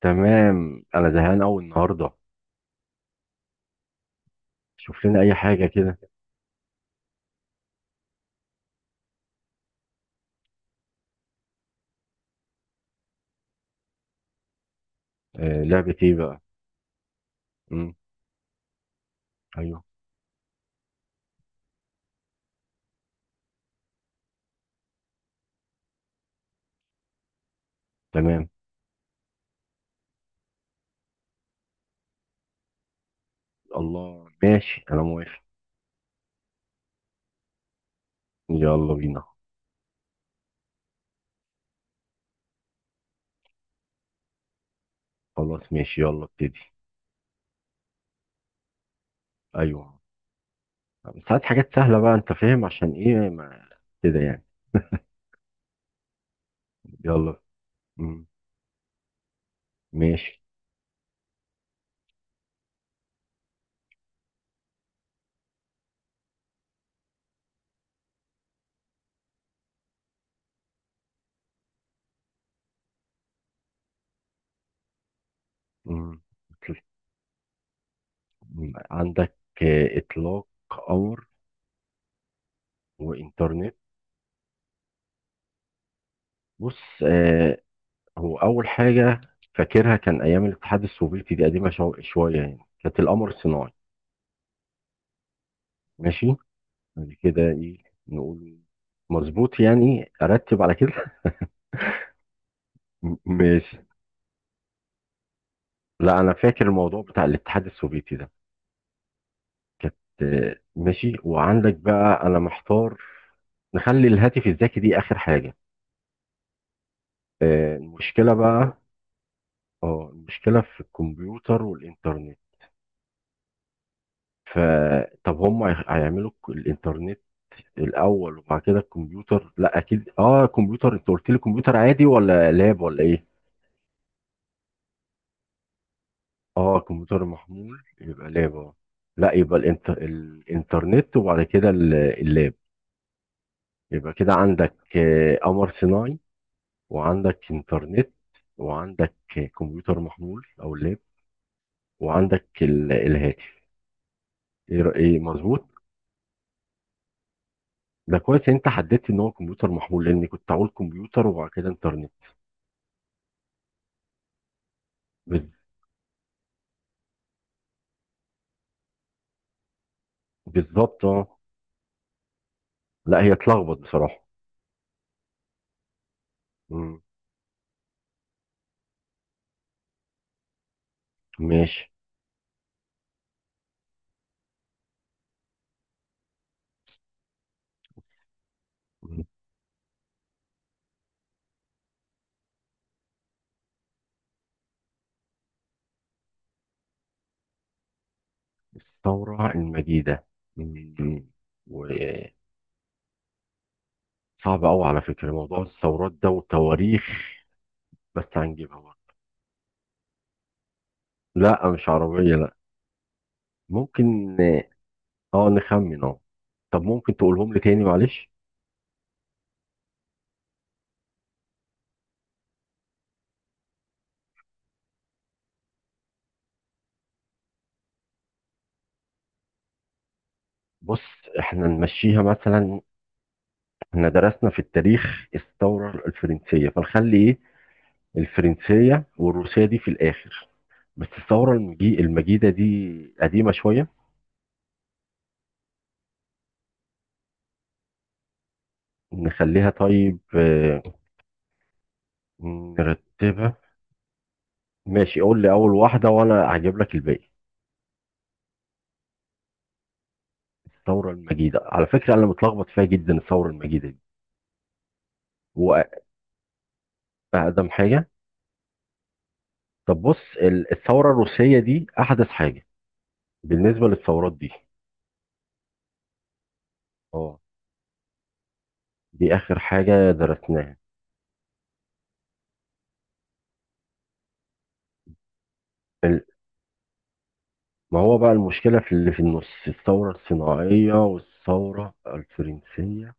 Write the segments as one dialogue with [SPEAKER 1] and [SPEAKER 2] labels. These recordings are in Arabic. [SPEAKER 1] تمام، انا زهقان قوي النهارده. شوف لنا اي حاجه كده. آه، لعبه ايه بقى؟ امم. ايوه. تمام. الله، ماشي، انا موافق. يلا بينا. خلاص ماشي، يلا ابتدي. ايوه. ساعات حاجات سهله بقى، انت فاهم عشان ايه؟ ما كده يعني. يلا. امم. ماشي. امم عندك اطلاق قمر وانترنت. بص. هو اول حاجه فاكرها كان ايام الاتحاد السوفيتي، دي قديمه شويه يعني، كانت القمر الصناعي. ماشي. بعد كده ايه نقول؟ مظبوط يعني، ارتب على كده. ماشي. لا، انا فاكر الموضوع بتاع الاتحاد السوفيتي ده. كانت. آه، ماشي. وعندك بقى، انا محتار. نخلي الهاتف الذكي دي اخر حاجه. آه، المشكله بقى. اه، المشكله في الكمبيوتر والانترنت. فطب هم هيعملوا الانترنت الاول، وبعد كده الكمبيوتر. لا، اكيد. اه، كمبيوتر. انت قلت لي كمبيوتر عادي ولا لاب ولا ايه؟ اه، كمبيوتر محمول، يبقى لاب. اه. لا، يبقى الانترنت وبعد كده اللاب. يبقى كده عندك قمر صناعي، وعندك انترنت، وعندك كمبيوتر محمول او لاب، وعندك الهاتف. ايه إيه، مظبوط. ده كويس إن انت حددت ان هو كمبيوتر محمول، لان كنت هقول كمبيوتر وبعد كده انترنت. بال- بالظبط، اه. لا، هي اتلخبط بصراحة. مم. ماشي. مم. الثورة المجيدة. مم. صعب قوي على فكرة، موضوع الثورات ده وتواريخ، بس هنجيبها برضه. لا، مش عربية، لا. ممكن. اه، نخمن، اه. طب ممكن تقولهم لي تاني؟ معلش. بص، احنا نمشيها مثلا. احنا درسنا في التاريخ الثورة الفرنسية، فنخلي ايه، الفرنسية والروسية دي في الآخر. بس الثورة المجيدة دي قديمة شوية. نخليها طيب، آه. نرتبها. ماشي، قول لي أول واحدة وأنا هجيب لك الباقي. الثوره المجيده، على فكره انا متلخبط فيها جدا الثوره المجيده دي. هو اقدم حاجه. طب بص، الثوره الروسيه دي احدث حاجه بالنسبه للثورات دي. اه. دي اخر حاجه درسناها. ال- ما هو بقى، المشكله في اللي في النص، الثوره الصناعيه والثوره الفرنسيه.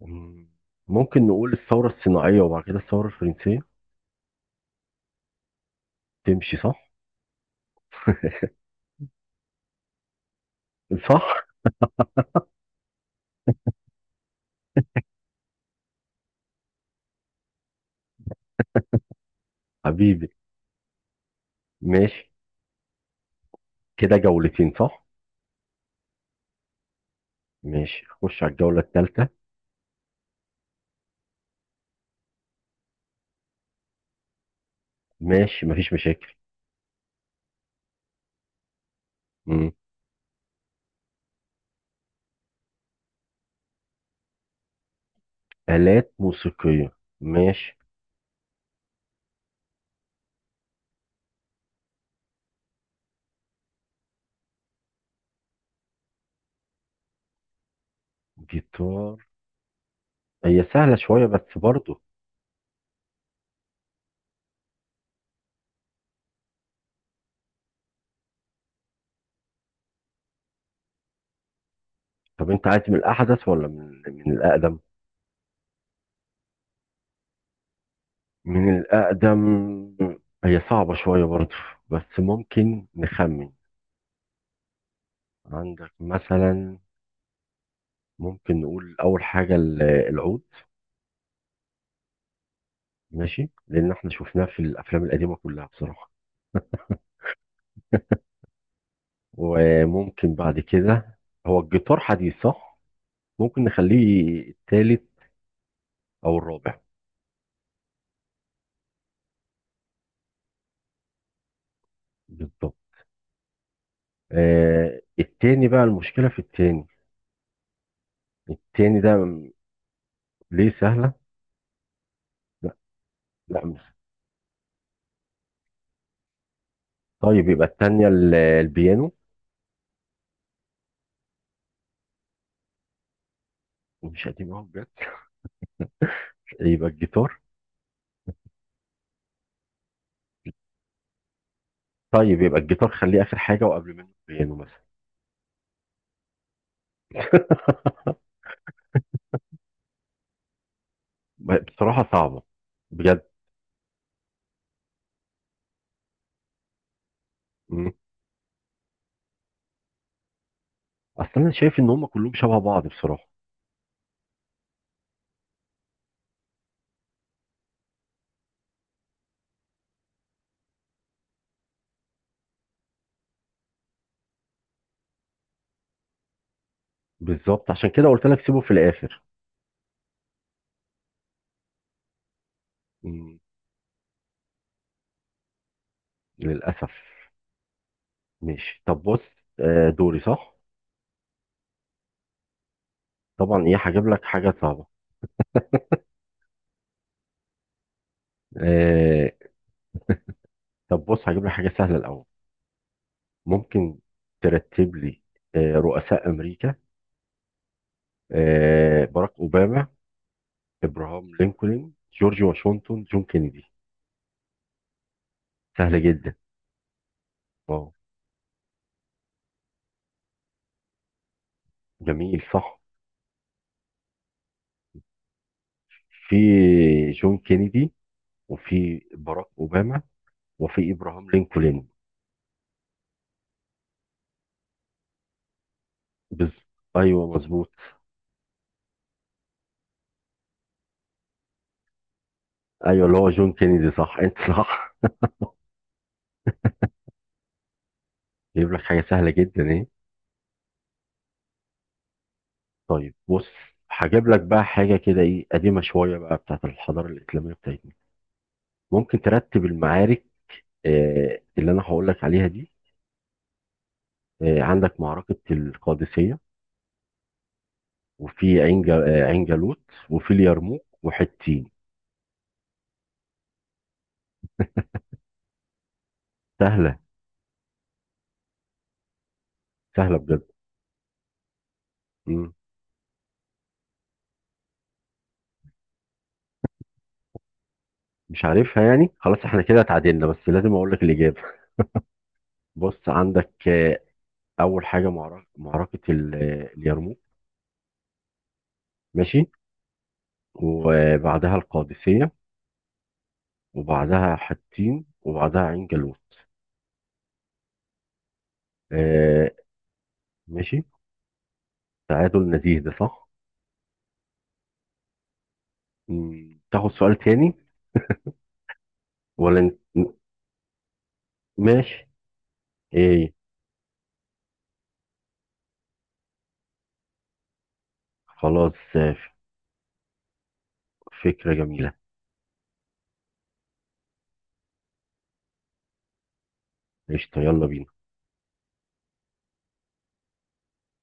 [SPEAKER 1] مم. ممكن نقول الثوره الصناعيه وبعد كده الثوره الفرنسيه. تمشي صح؟ صح. حبيبي. ماشي. كده جولتين صح؟ ماشي، خش على الجوله الثالثه. ماشي، مفيش مشاكل. مم. آلات موسيقية، ماشي. جيتار. هي سهلة شوية بس برضه. طب انت عايز من الأحدث ولا من الأقدم؟ من الأقدم. هي صعبة شوية برضه، بس ممكن نخمن. عندك مثلا، ممكن نقول أول حاجة العود. ماشي، لأن احنا شفناه في الأفلام القديمة كلها بصراحة. وممكن بعد كده، هو الجيتار حديث صح؟ ممكن نخليه التالت أو الرابع. بالظبط. آه، التاني بقى المشكلة في التاني. التاني ده ليه سهلة؟ لا، لا، مش. طيب يبقى التانية البيانو. ومش قديم اهو بجد. يبقى الجيتار. طيب يبقى الجيتار خليه آخر حاجة، وقبل منه البيانو مثلا. بصراحة صعبة، بجد. مم. أصل أنا شايف إن هم كلهم شبه بعض بصراحة. بالظبط، عشان كده قلت لك سيبه في الآخر. مم. للأسف. ماشي، طب بص. آه، دوري صح؟ طبعا، إيه، هجيب لك حاجة صعبة. آه. طب بص، هجيب لك حاجة سهلة الأول. ممكن ترتب لي رؤساء امريكا. آه، باراك اوباما، ابراهام لينكولن، جورج واشنطن، جون كينيدي. سهله جدا، اه. جميل، صح. في جون كينيدي، وفي باراك اوباما، وفي ابراهام لينكولن. بز... ايوه، مظبوط. ايوه، اللي هو جون كينيدي صح. انت صح. جايب لك حاجه سهله جدا، ايه. طيب بص. هجيب لك بقى حاجه كده، ايه، قديمه شويه بقى، بتاعت الحضاره الاسلاميه بتاعتنا. ممكن ترتب المعارك. آه، اللي انا هقول لك عليها دي. آه، عندك معركه القادسيه، وفي عين جا- آه، عين جالوت، وفي اليرموك وحطين. سهله. سهله بجد. مم. مش عارفها يعني. خلاص، احنا كده اتعادلنا، بس لازم اقول لك الاجابه. بص، عندك، آه. اول حاجه معركه اليرموك. ماشي. وبعدها القادسيه، وبعدها حطين، وبعدها عين جالوت. آه. ماشي. تعادل نزيه، ده صح. مم. تاخد سؤال تاني؟ ولا ن- ماشي. ايه، خلاص. آه، فكرة جميلة. قشطة، يلا بينا.